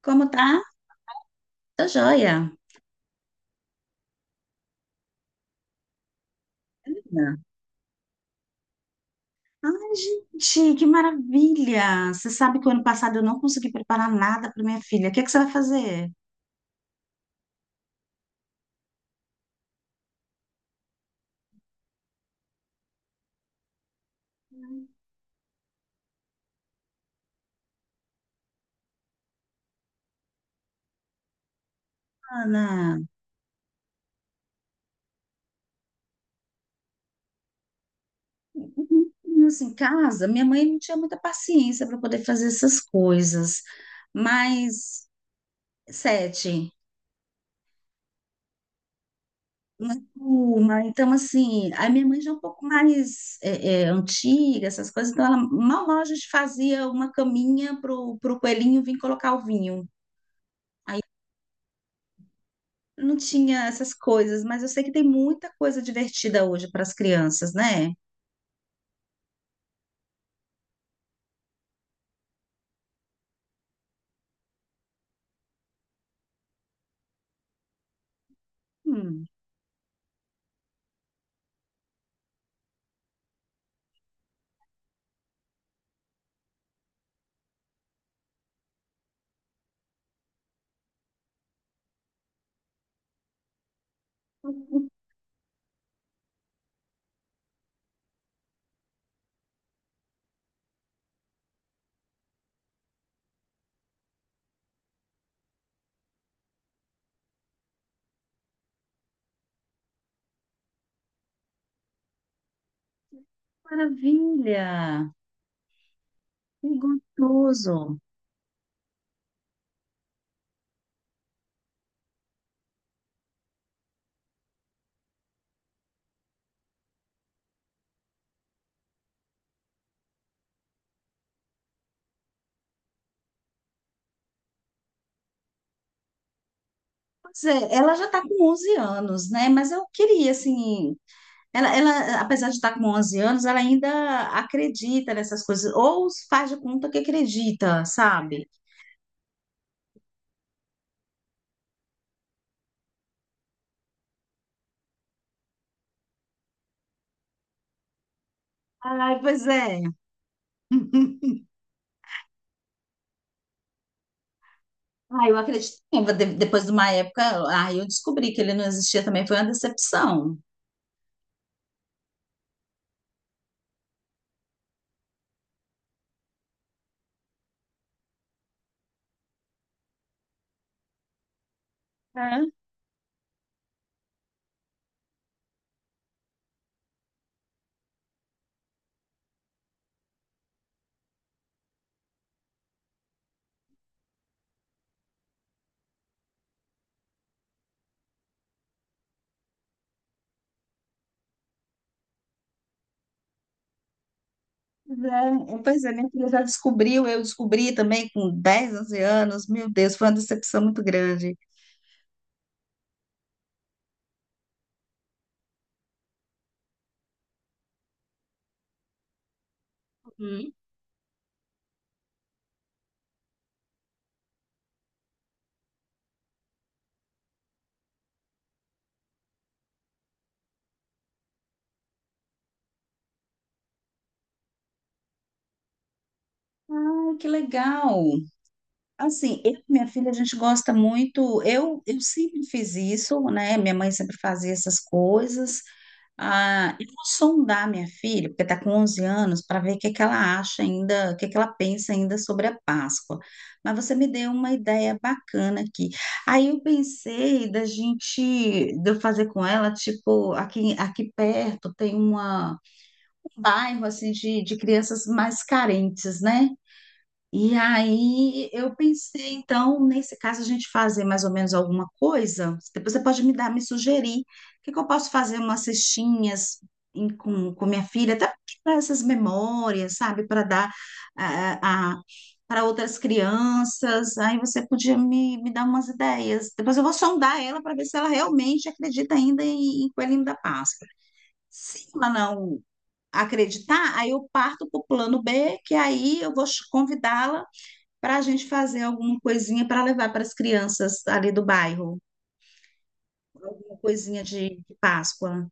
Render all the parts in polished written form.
Como tá? Tá joia. Ana. Ai, gente, que maravilha! Você sabe que o ano passado eu não consegui preparar nada para minha filha. O que é que você vai fazer, Ana? Assim, em casa, minha mãe não tinha muita paciência para poder fazer essas coisas. Mas, sete, né? Uma turma, então assim, a minha mãe já é um pouco mais antiga, essas coisas, então ela mal mal a gente fazia uma caminha pro coelhinho vir colocar o vinho. Não tinha essas coisas, mas eu sei que tem muita coisa divertida hoje para as crianças, né? Hum. Que maravilha! Que gostoso! Pois é, ela já está com 11 anos, né? Mas eu queria, assim. Ela, apesar de estar com 11 anos, ela ainda acredita nessas coisas, ou faz de conta que acredita, sabe? Ai, pois é. Ah, eu acredito. Depois de uma época, aí eu descobri que ele não existia também, foi uma decepção. Pois é, minha filha já descobriu, eu descobri também com 10 11 anos. Meu Deus, foi uma decepção muito grande. Ai, que legal! Assim, eu e minha filha, a gente gosta muito. Eu sempre fiz isso, né? Minha mãe sempre fazia essas coisas. Ah, eu vou sondar minha filha, porque está com 11 anos, para ver o que que ela acha ainda, o que que ela pensa ainda sobre a Páscoa. Mas você me deu uma ideia bacana aqui. Aí eu pensei da gente, de eu fazer com ela, tipo, aqui, aqui perto tem uma, um bairro, assim, de crianças mais carentes, né? E aí eu pensei, então, nesse caso, a gente fazer mais ou menos alguma coisa. Depois você pode me dar, me sugerir. O que que eu posso fazer? Umas cestinhas com minha filha, até para essas memórias, sabe? Para dar eh, a, para outras crianças. Aí você podia me dar umas ideias. Depois eu vou sondar ela para ver se ela realmente acredita ainda em Coelhinho da Páscoa. Se ela não acreditar, aí eu parto para o plano B, que aí eu vou convidá-la para a gente fazer alguma coisinha para levar para as crianças ali do bairro, alguma coisinha de Páscoa.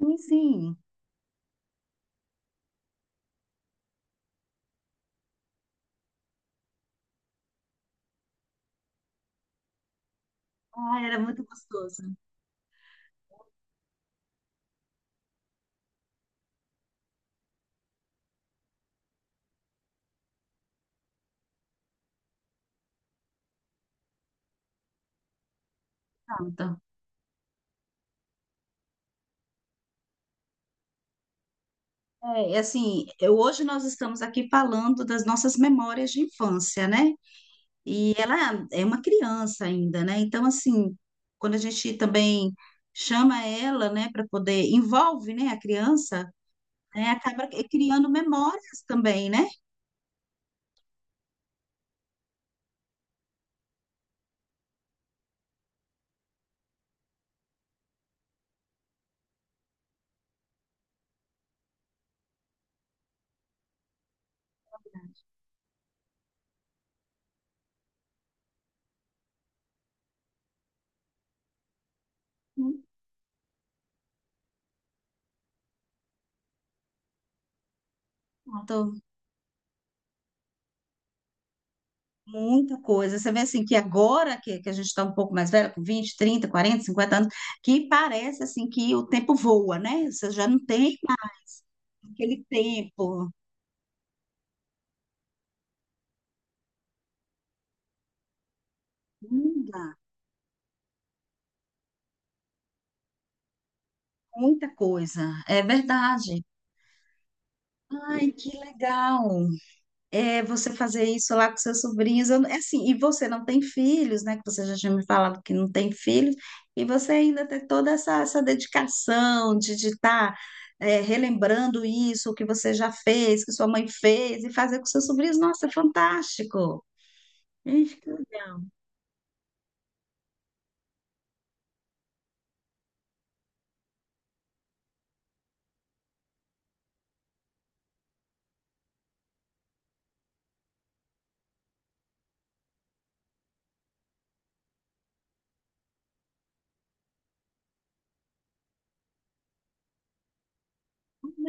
Enfim, ah, era muito gostoso. Pronto. É, e assim, hoje nós estamos aqui falando das nossas memórias de infância, né? E ela é uma criança ainda, né? Então, assim, quando a gente também chama ela, né, para poder, envolve, né, a criança, né, acaba criando memórias também, né? Pronto. Muita coisa. Você vê assim que agora que a gente está um pouco mais velha, com 20 30 40 50 anos, que parece assim que o tempo voa, né? Você já não tem aquele tempo. Muda muita coisa. É verdade. Ai, que legal. É você fazer isso lá com seus sobrinhos. Eu não- é assim, e você não tem filhos, né? Que você já tinha me falado que não tem filhos, e você ainda tem toda essa, dedicação de estar relembrando isso, o que você já fez, que sua mãe fez, e fazer com seus sobrinhos. Nossa, é fantástico! Ixi, que legal.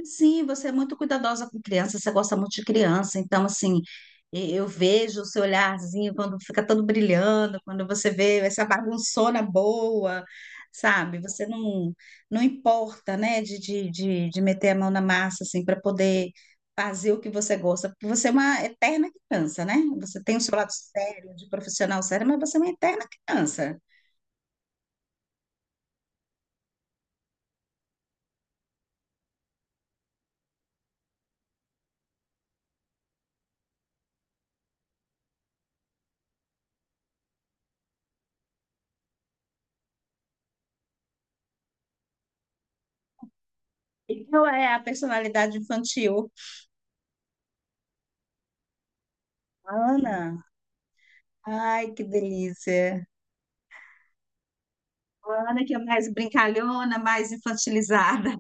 Sim, você é muito cuidadosa com criança, você gosta muito de criança, então assim, eu vejo o seu olharzinho quando fica todo brilhando, quando você vê essa bagunçona boa, sabe? Você não importa, né, de meter a mão na massa assim para poder fazer o que você gosta, porque você é uma eterna criança, né? Você tem o seu lado sério, de profissional sério, mas você é uma eterna criança. E qual é a personalidade infantil? Ana, ai, que delícia. A Ana, que é mais brincalhona, mais infantilizada.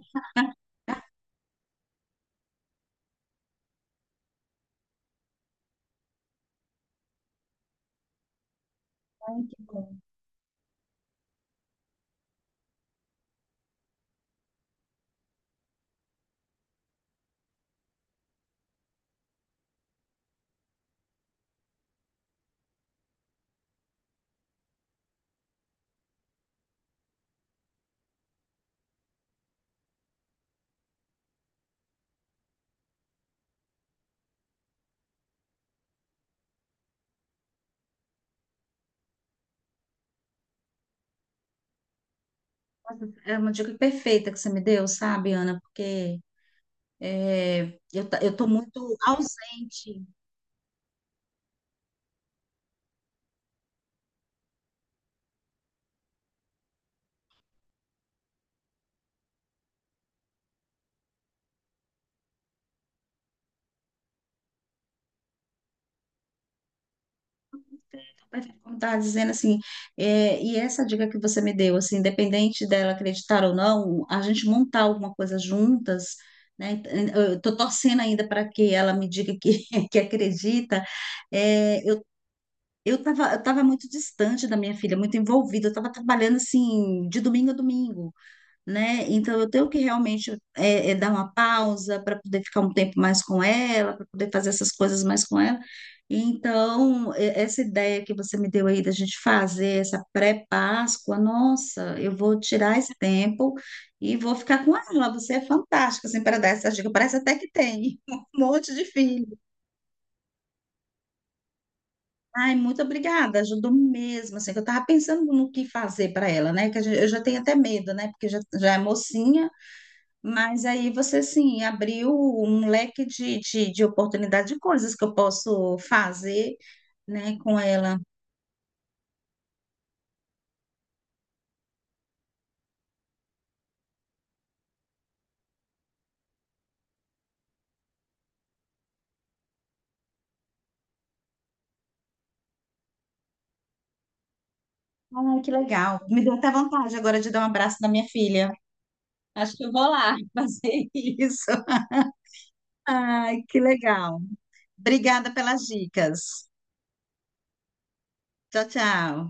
Ai, que bom. Nossa, é uma dica perfeita que você me deu, sabe, Ana? Porque é, eu tô muito ausente. É, como estava dizendo, assim, e essa dica que você me deu, assim, independente dela acreditar ou não, a gente montar alguma coisa juntas, né? Eu tô torcendo ainda para que ela me diga que, que acredita. É, Eu tava muito distante da minha filha, muito envolvida, eu estava trabalhando assim, de domingo a domingo, né? Então eu tenho que realmente dar uma pausa para poder ficar um tempo mais com ela, para poder fazer essas coisas mais com ela. Então, essa ideia que você me deu aí da gente fazer essa pré-Páscoa, nossa, eu vou tirar esse tempo e vou ficar com ela. Você é fantástica, assim, para dar essa dica. Parece até que tem um monte de filho. Ai, muito obrigada, ajudou mesmo, assim, que eu tava pensando no que fazer para ela, né, que eu já tenho até medo, né, porque já é mocinha, mas aí você, assim, abriu um leque de oportunidade de coisas que eu posso fazer, né, com ela. Ai, que legal, me deu até vontade agora de dar um abraço na minha filha, acho que eu vou lá fazer isso. Ai, que legal, obrigada pelas dicas, tchau, tchau.